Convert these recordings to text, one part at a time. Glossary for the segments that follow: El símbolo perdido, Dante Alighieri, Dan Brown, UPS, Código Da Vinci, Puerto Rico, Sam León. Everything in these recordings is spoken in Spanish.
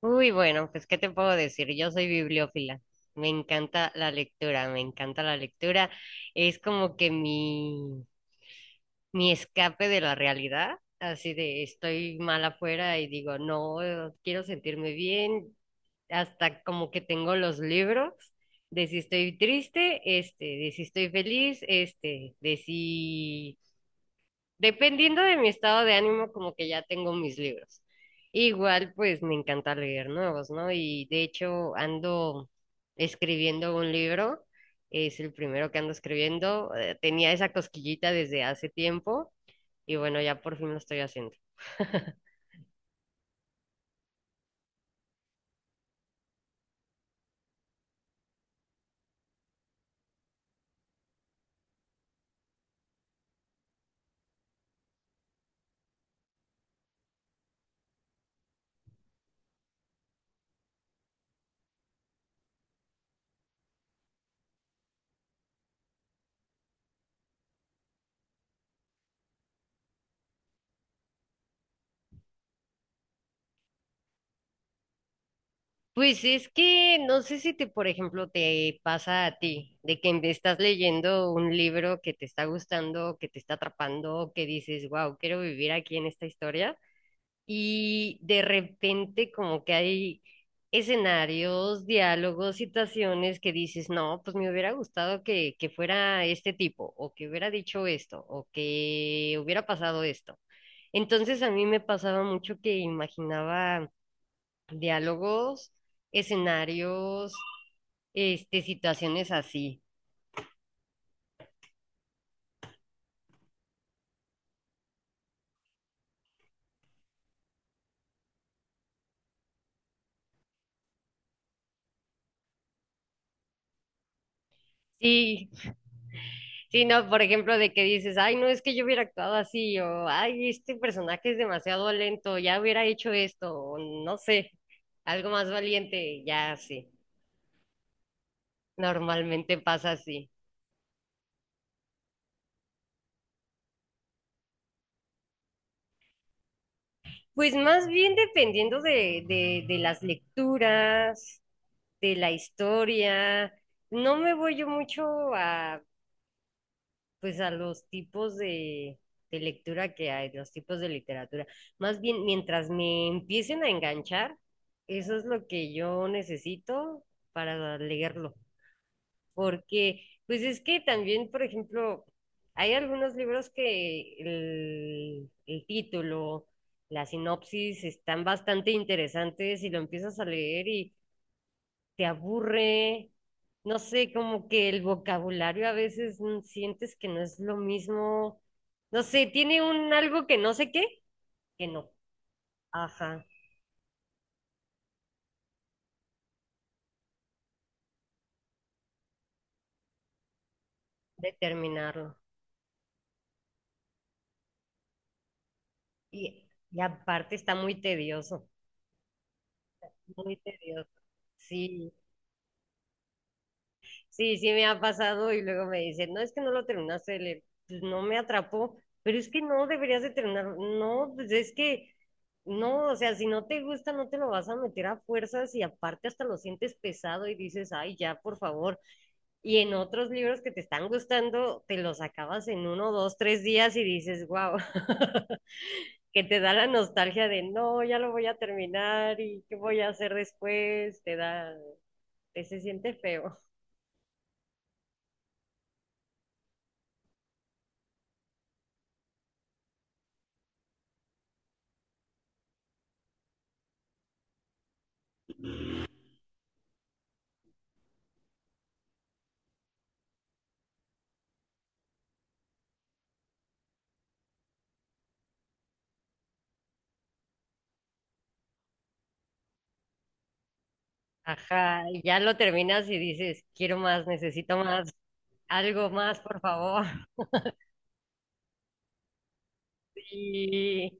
Uy, bueno, pues ¿qué te puedo decir? Yo soy bibliófila. Me encanta la lectura, me encanta la lectura. Es como que mi escape de la realidad, así de estoy mal afuera y digo, no, quiero sentirme bien, hasta como que tengo los libros de si estoy triste, de si estoy feliz, este, de si dependiendo de mi estado de ánimo, como que ya tengo mis libros. Igual, pues me encanta leer nuevos, ¿no? Y de hecho ando escribiendo un libro, es el primero que ando escribiendo. Tenía esa cosquillita desde hace tiempo y bueno, ya por fin lo estoy haciendo. Pues es que no sé si te, por ejemplo, te pasa a ti, de que estás leyendo un libro que te está gustando, que te está atrapando, que dices, wow, quiero vivir aquí en esta historia. Y de repente como que hay escenarios, diálogos, situaciones que dices, no, pues me hubiera gustado que fuera este tipo, o que hubiera dicho esto, o que hubiera pasado esto. Entonces a mí me pasaba mucho que imaginaba diálogos, escenarios, este, situaciones así. Sí, sí, no, por ejemplo, de que dices, ay, no, es que yo hubiera actuado así, o ay, este personaje es demasiado lento, ya hubiera hecho esto, o no sé, algo más valiente, ya sí, normalmente pasa así. Pues más bien dependiendo de, de las lecturas, de la historia, no me voy yo mucho a pues a los tipos de lectura que hay, los tipos de literatura. Más bien, mientras me empiecen a enganchar, eso es lo que yo necesito para leerlo, porque pues es que también, por ejemplo, hay algunos libros que el título, la sinopsis están bastante interesantes y lo empiezas a leer y te aburre, no sé, como que el vocabulario a veces sientes que no es lo mismo, no sé, tiene un algo que no sé qué, que no, ajá, determinarlo. Y aparte está muy tedioso, muy tedioso. Sí. Sí, sí me ha pasado y luego me dicen, no, es que no lo terminaste de leer, pues no me atrapó, pero es que no deberías de terminar, no, pues es que no, o sea, si no te gusta no te lo vas a meter a fuerzas y aparte hasta lo sientes pesado y dices, ay, ya, por favor. Y en otros libros que te están gustando, te los acabas en 1, 2, 3 días y dices, wow, que te da la nostalgia de, no, ya lo voy a terminar y qué voy a hacer después, te da, te se siente feo. Ajá, y ya lo terminas y dices, quiero más, necesito más, algo más, por favor. Y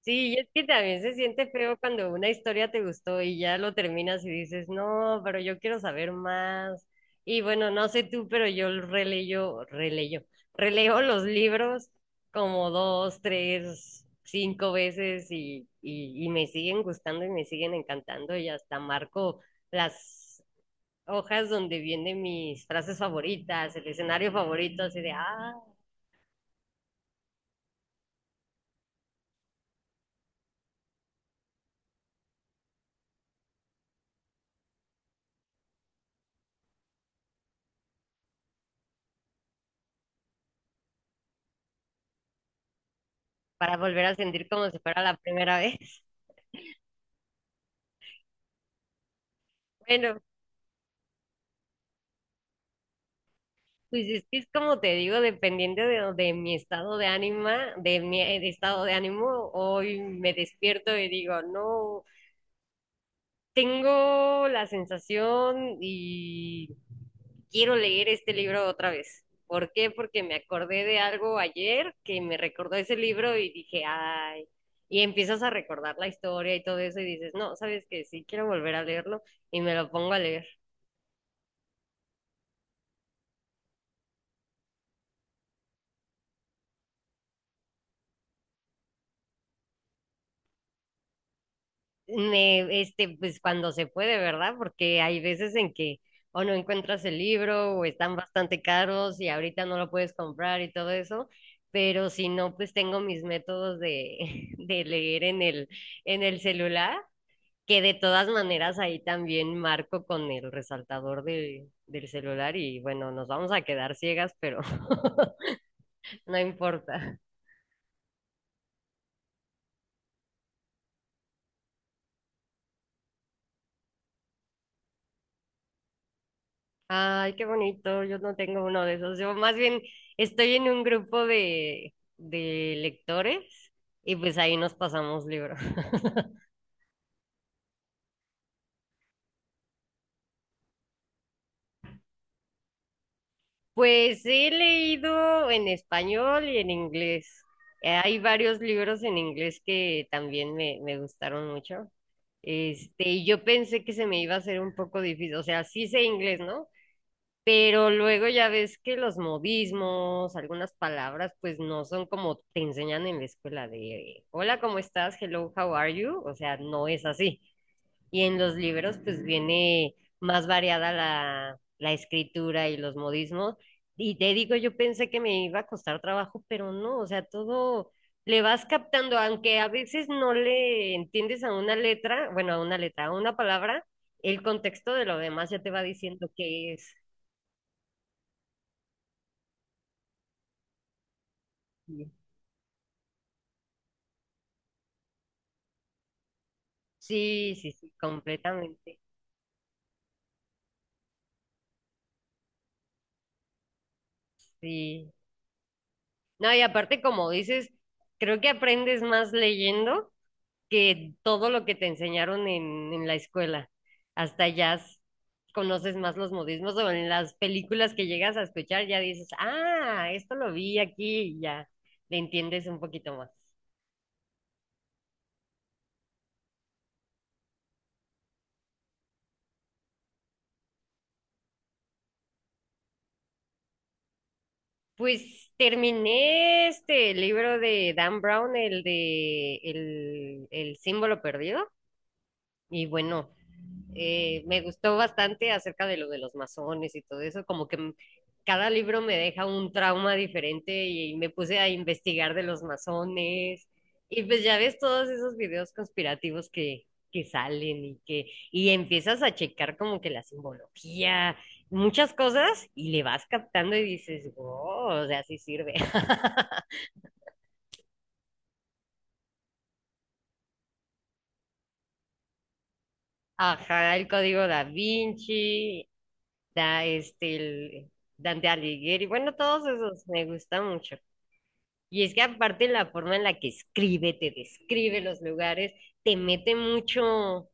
sí, y es que también se siente feo cuando una historia te gustó y ya lo terminas y dices, no, pero yo quiero saber más. Y bueno, no sé tú, pero yo releyo, releyo, releo los libros como 2, 3, 5 veces y me siguen gustando y me siguen encantando y hasta marco las hojas donde vienen mis frases favoritas, el escenario favorito, así de, ah, para volver a sentir como si fuera la primera vez. Bueno, pues es que es como te digo, dependiendo de mi estado de ánima, de estado de ánimo, hoy me despierto y digo, no, tengo la sensación y quiero leer este libro otra vez. ¿Por qué? Porque me acordé de algo ayer que me recordó ese libro y dije, ay, y empiezas a recordar la historia y todo eso y dices, no, sabes que sí, quiero volver a leerlo y me lo pongo a leer. Pues cuando se puede, ¿verdad? Porque hay veces en que o no encuentras el libro o están bastante caros y ahorita no lo puedes comprar y todo eso, pero si no, pues tengo mis métodos de, de leer en el celular, que de todas maneras ahí también marco con el resaltador del celular y bueno, nos vamos a quedar ciegas, pero no importa. Ay, qué bonito. Yo no tengo uno de esos. Yo más bien estoy en un grupo de lectores y pues ahí nos pasamos libros. Pues he leído en español y en inglés. Hay varios libros en inglés que también me gustaron mucho. Este, y yo pensé que se me iba a hacer un poco difícil. O sea, sí sé inglés, ¿no? Pero luego ya ves que los modismos, algunas palabras, pues no son como te enseñan en la escuela de hola, ¿cómo estás? Hello, how are you? O sea, no es así. Y en los libros, pues viene más variada la escritura y los modismos. Y te digo, yo pensé que me iba a costar trabajo, pero no, o sea, todo le vas captando, aunque a veces no le entiendes a una letra, bueno, a una letra, a una palabra, el contexto de lo demás ya te va diciendo qué es. Sí, sí, sí, completamente. Sí. No, y aparte, como dices, creo que aprendes más leyendo que todo lo que te enseñaron en la escuela. Hasta ya conoces más los modismos o en las películas que llegas a escuchar ya dices, ah, esto lo vi aquí y ya le entiendes un poquito más. Pues terminé este libro de Dan Brown, el de el símbolo perdido. Y bueno, me gustó bastante acerca de lo de los masones y todo eso, como que cada libro me deja un trauma diferente y me puse a investigar de los masones y pues ya ves todos esos videos conspirativos que salen y empiezas a checar como que la simbología, muchas cosas y le vas captando y dices, wow, o sea, sí sirve. Ajá, el Código Da Vinci, da este el Dante Alighieri, bueno, todos esos me gustan mucho. Y es que aparte la forma en la que escribe, te describe los lugares, te mete mucho.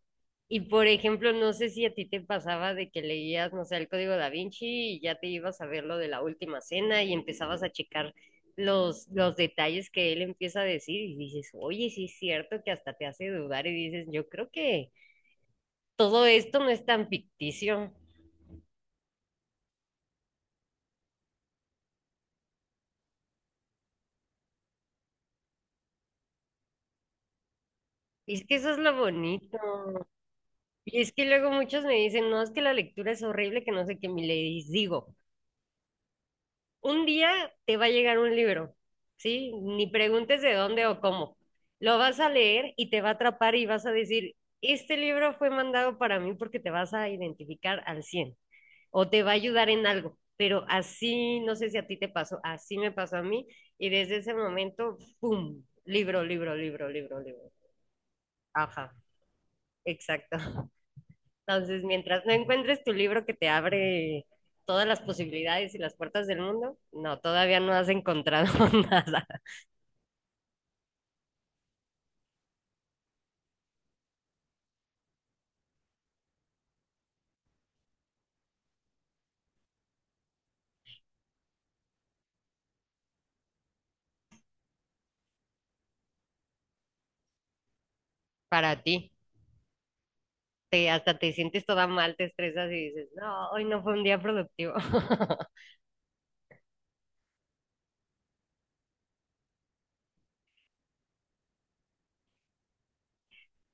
Y por ejemplo, no sé si a ti te pasaba de que leías, no sé, el Código Da Vinci y ya te ibas a ver lo de la última cena y empezabas a checar los detalles que él empieza a decir y dices, oye, sí es cierto que hasta te hace dudar y dices, yo creo que todo esto no es tan ficticio. Y es que eso es lo bonito. Y es que luego muchos me dicen, no, es que la lectura es horrible, que no sé qué, mi ley. Digo, un día te va a llegar un libro, ¿sí? Ni preguntes de dónde o cómo. Lo vas a leer y te va a atrapar y vas a decir, este libro fue mandado para mí porque te vas a identificar al 100 o te va a ayudar en algo. Pero así, no sé si a ti te pasó, así me pasó a mí y desde ese momento, ¡pum! Libro, libro, libro, libro, libro. Ajá, exacto. Entonces, mientras no encuentres tu libro que te abre todas las posibilidades y las puertas del mundo, no, todavía no has encontrado nada para ti. Te, hasta te sientes toda mal, te estresas y dices, no, hoy no fue un día productivo.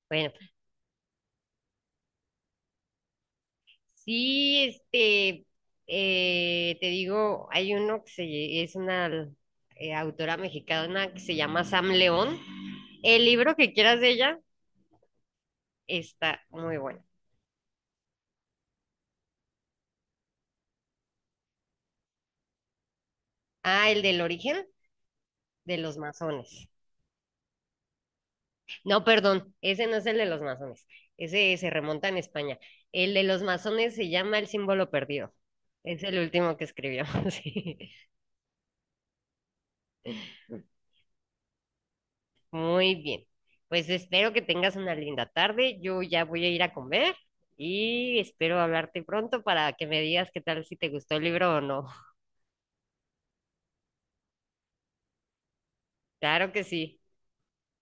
Bueno, sí, este, te digo, hay uno es una autora mexicana que se llama Sam León. El libro que quieras de ella está muy bueno. Ah, el del origen de los masones. No, perdón, ese no es el de los masones. Ese se remonta en España. El de los masones se llama El símbolo perdido. Es el último que escribió. Sí. Muy bien. Pues espero que tengas una linda tarde. Yo ya voy a ir a comer y espero hablarte pronto para que me digas qué tal si te gustó el libro o no. Claro que sí.